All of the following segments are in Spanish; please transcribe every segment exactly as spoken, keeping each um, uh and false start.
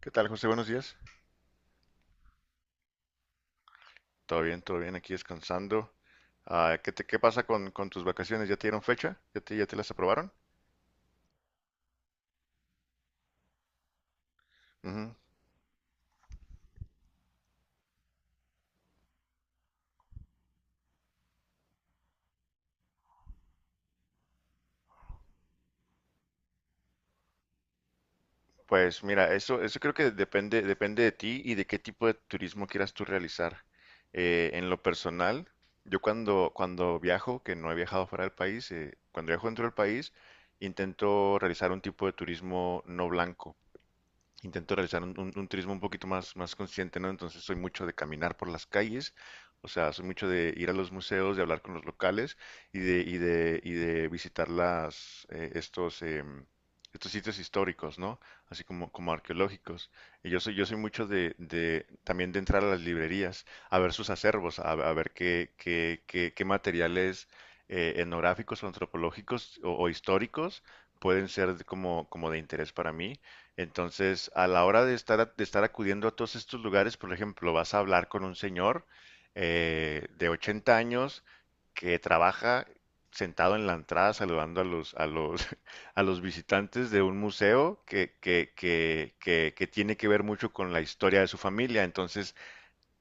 ¿Qué tal, José? Buenos días. Todo bien, todo bien, aquí descansando. Ah, ¿qué te, qué pasa con, con tus vacaciones? ¿Ya te dieron fecha? ¿Ya te, ya te las aprobaron? Ujú. Pues mira, eso, eso creo que depende, depende de ti y de qué tipo de turismo quieras tú realizar. Eh, en lo personal, yo cuando, cuando viajo, que no he viajado fuera del país, eh, cuando viajo dentro del país, intento realizar un tipo de turismo no blanco. Intento realizar un, un- un turismo un poquito más, más consciente, ¿no? Entonces soy mucho de caminar por las calles, o sea, soy mucho de ir a los museos, de hablar con los locales y de, y de, y de visitar las, eh, estos, em, estos sitios históricos, ¿no? Así como, como arqueológicos. Y yo soy, yo soy mucho de, de también de entrar a las librerías, a ver sus acervos, a, a ver qué, qué, qué, qué materiales eh, etnográficos o antropológicos o o históricos pueden ser de- como, como de interés para mí. Entonces, a la hora de estar, a- de estar acudiendo a todos estos lugares, por ejemplo, vas a hablar con un señor eh, de ochenta años que trabaja sentado en la entrada saludando a los, a los, a los visitantes de un museo que, que, que, que, que tiene que ver mucho con la historia de su familia. Entonces,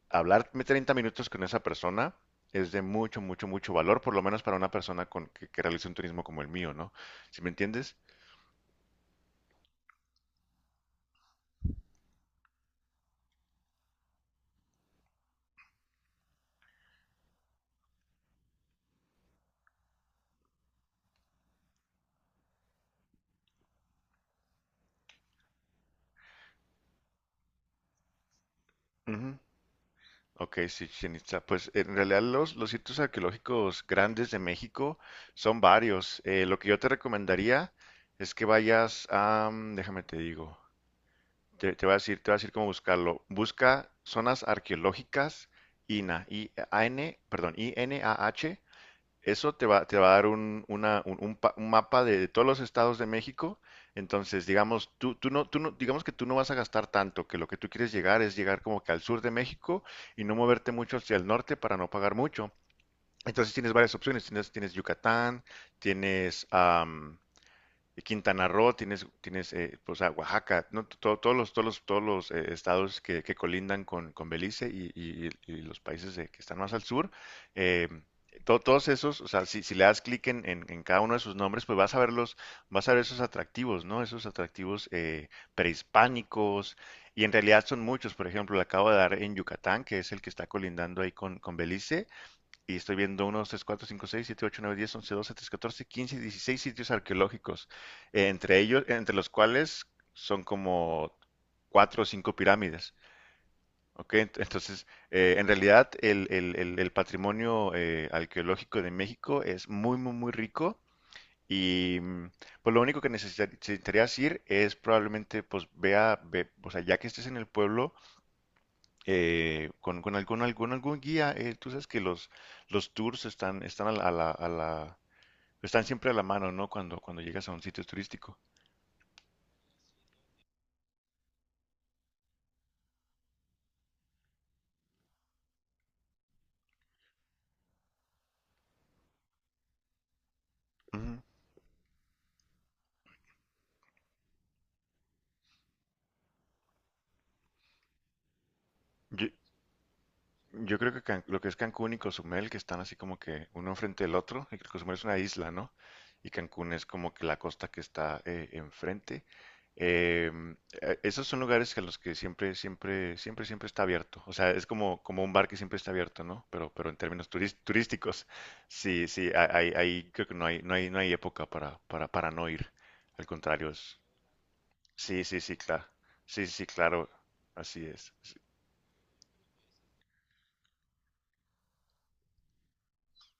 hablarme treinta minutos con esa persona es de mucho, mucho, mucho valor, por lo menos para una persona con, que, que realice un turismo como el mío, ¿no? ¿Sí me entiendes? Ujú. Ok, sí, Chichén Itzá. Pues en realidad los, los sitios arqueológicos grandes de México son varios. Eh, lo que yo te recomendaría es que vayas a, mm, déjame te digo, te, te voy a decir, te voy a decir cómo buscarlo. Busca zonas arqueológicas INAH, I- A-N, perdón, i n a h. Eso te va, te va a dar un, una- un- un pa- un mapa de, de todos los estados de México. Entonces, digamos, tú, tú no, tú no- digamos que tú no vas a gastar tanto, que lo que tú quieres llegar es llegar como que al sur de México y no moverte mucho hacia el norte para no pagar mucho. Entonces tienes varias opciones, tienes, tienes Yucatán, tienes, y Quintana Roo, tienes, tienes eh, pues, a Oaxaca, ¿no? To- todos los, todos los, todos los eh, estados que, que colindan con, con Belice y, y- y los países eh, que están más al sur, eh, to- todos esos, o sea, si, si le das clic en, en- en cada uno de sus nombres, pues vas a verlos, vas a ver esos atractivos, ¿no? Esos atractivos eh, prehispánicos, y en realidad son muchos. Por ejemplo, le acabo de dar en Yucatán, que es el que está colindando ahí con, con Belice, y estoy viendo uno, dos, tres, cuatro, cinco, seis, siete, ocho, nueve, diez, once, doce, trece, catorce, quince, dieciséis sitios arqueológicos, eh, entre ellos, entre los cuales son como cuatro o cinco pirámides. ¿Ok? Ent- Entonces, eh, en realidad el, el- el- el patrimonio eh, arqueológico de México es muy, muy, muy rico. Y mm, pues lo único que necesitar- necesitarías ir es probablemente, pues vea, ve- o sea, ya que estés en el pueblo, eh, con, con, al- con al- con algún guía. Eh, tú sabes que los, los tours están, están a la, a la- a la- están siempre a la mano, ¿no? Cuando, cuando llegas a un sitio turístico. Ujú. Yo creo que Can- lo que es Cancún y Cozumel, que están así como que uno enfrente del otro, y que Cozumel es una isla, ¿no? Y Cancún es como que la costa que está eh, enfrente. Em, eh, Esos son lugares que a los que siempre, siempre, siempre, siempre está abierto. O sea, es como, como un bar que siempre está abierto, ¿no? Pero, pero en términos turis- turísticos, sí, sí, a- ahí, ahí creo que no hay, no hay, no hay época para, para, para no ir. Al contrario, es. Sí, sí, sí, claro. Sí, sí, claro. Así es. Sí.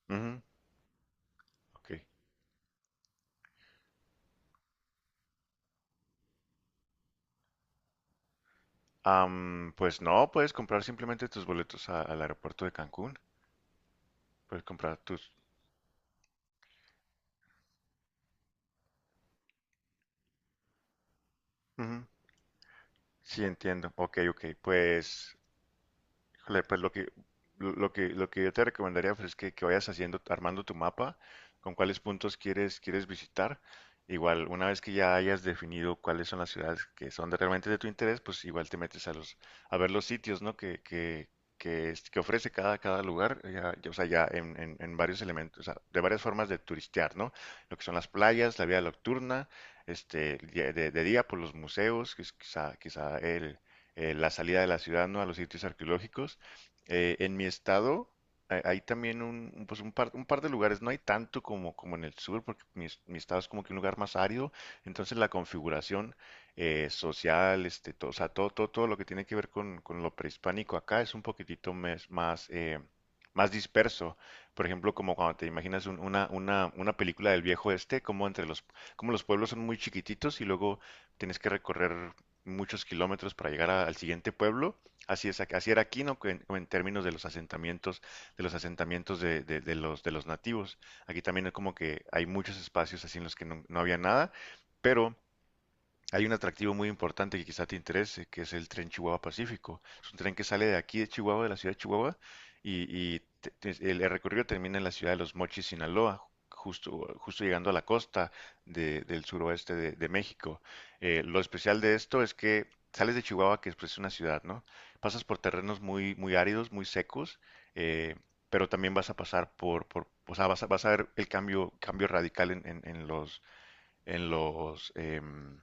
Ujú, ok. Am, pues no, puedes comprar simplemente tus boletos a- al aeropuerto de Cancún. Puedes comprar tus. Ujú, sí, entiendo. Ok, ok. Pues híjole, pues lo que, lo que, lo que yo te recomendaría pues, es que, que vayas haciendo, armando tu mapa, con cuáles puntos quieres, quieres visitar. Igual, una vez que ya hayas definido cuáles son las ciudades que son de- realmente de tu interés, pues igual te metes a los, a ver los sitios, ¿no? Que, que, que, es- que ofrece cada, cada lugar, ya, ya, o sea, ya en, en, en varios elementos, o sea, de varias formas de turistear, ¿no? Lo que son las playas, la vida nocturna, este, de, de- de día por los museos, que es quizá, quizá el, eh, la salida de la ciudad, ¿no? A los sitios arqueológicos. Eh, en mi estado hay, hay también un, un, pues un par, un par de lugares, no hay tanto como, como en el sur, porque mi, mi estado es como que un lugar más árido. Entonces la configuración eh, social, este, todo, o sea, todo, todo, todo lo que tiene que ver con, con lo prehispánico acá es un poquitito mes- más, eh, más disperso. Por ejemplo, como cuando te imaginas un- una, una, una película del viejo este, como entre los, como los pueblos son muy chiquititos y luego tienes que recorrer muchos kilómetros para llegar a- al siguiente pueblo. Así es, ac- así era Aquino que en, en términos de los asentamientos, de los asentamientos de, de- de los de los nativos. Aquí también es como que hay muchos espacios así en los que no, no había nada, pero hay un atractivo muy importante que quizá te interese, que es el tren Chihuahua Pacífico. Es un tren que sale de aquí de Chihuahua, de la ciudad de Chihuahua, y, y te- te- el, el recorrido termina en la ciudad de Los Mochis, Sinaloa, justo, justo llegando a la costa de- del suroeste de, de México. Eh, lo especial de esto es que sales de Chihuahua, que es pues, una ciudad, ¿no? Pasas por terrenos muy, muy áridos, muy secos, eh, pero también vas a pasar por, por o sea, vas a, vas a ver el cambio, cambio radical en, en- en los, en los, em,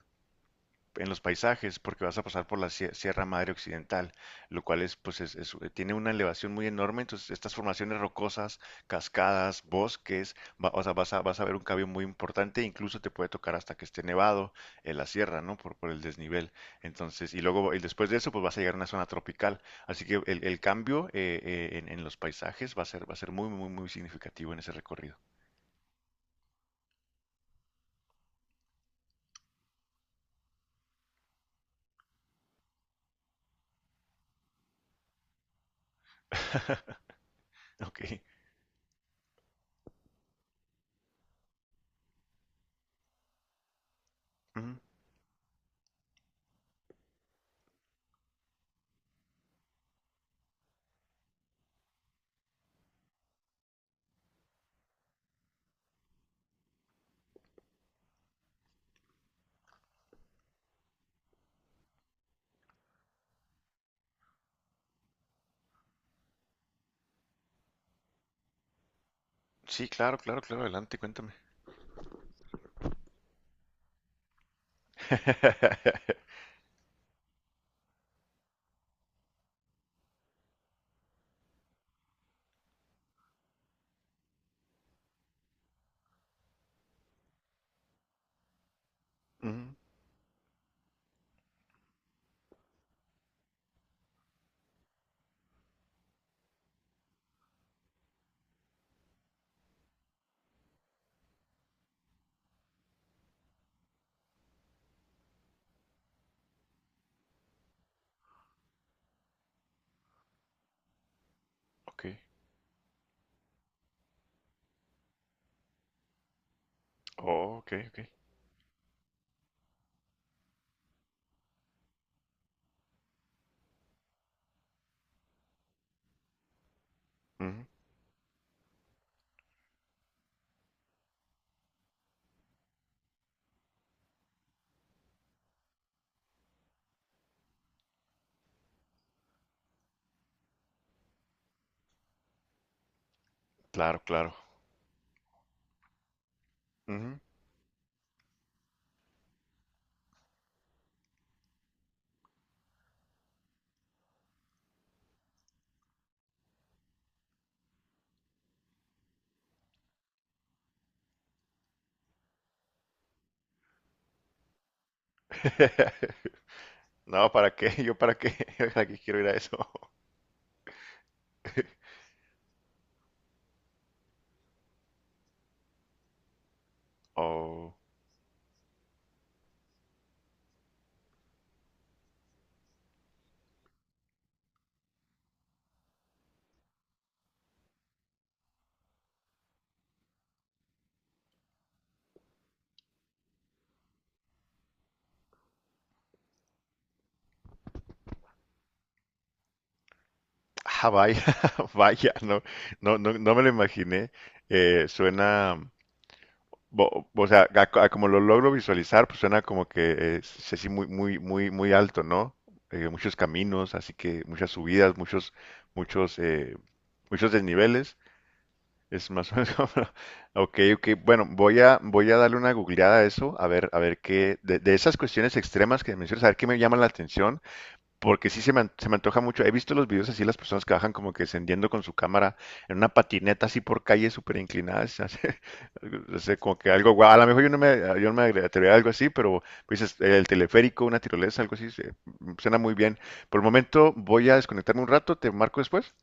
en los paisajes porque vas a pasar por la sie- Sierra Madre Occidental, lo cual es, pues, es- es- tiene una elevación muy enorme, entonces estas formaciones rocosas, cascadas, bosques, va- o sea, vas a, vas a ver un cambio muy importante, incluso te puede tocar hasta que esté nevado en la sierra, ¿no? Por, por el desnivel. Entonces, y luego, y después de eso, pues vas a llegar a una zona tropical. Así que el, el cambio eh, eh, en, en los paisajes va a ser, va a ser muy, muy, muy significativo en ese recorrido. Ok. Ujú. Sí, claro, claro, claro, adelante, cuéntame. Ujú. Ok. Oh, ok, ok. Ujú. Claro, claro. Ujú. No, ¿para qué? ¿Yo para qué? ¿Para qué quiero ir a eso? Oh. Ah, vaya, vaya, no, no, no, no me lo imaginé. Eh, suena, bo- o sea, a co- a como lo logro visualizar, pues suena como que es así muy, muy, muy, muy alto, ¿no? Eh, muchos caminos, así que muchas subidas, muchos, muchos, eh, muchos desniveles. Es más o menos como. Ok, ok. Bueno, voy a, voy a darle una googleada a eso, a ver, a ver qué, de, de esas cuestiones extremas que mencionas, a ver qué me llama la atención, porque sí se me, an- se me antoja mucho. He visto los videos así, las personas que bajan como que descendiendo con su cámara en una patineta así por calles súper inclinadas, se hace. No sé, como que algo guau. A lo mejor yo no me, yo no me atrevería a algo así, pero dices, el teleférico, una tirolesa, algo así, se. Suena muy bien. Por el momento voy a desconectarme un rato, te marco después.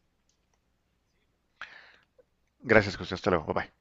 Gracias, José, hasta luego, bye, bye.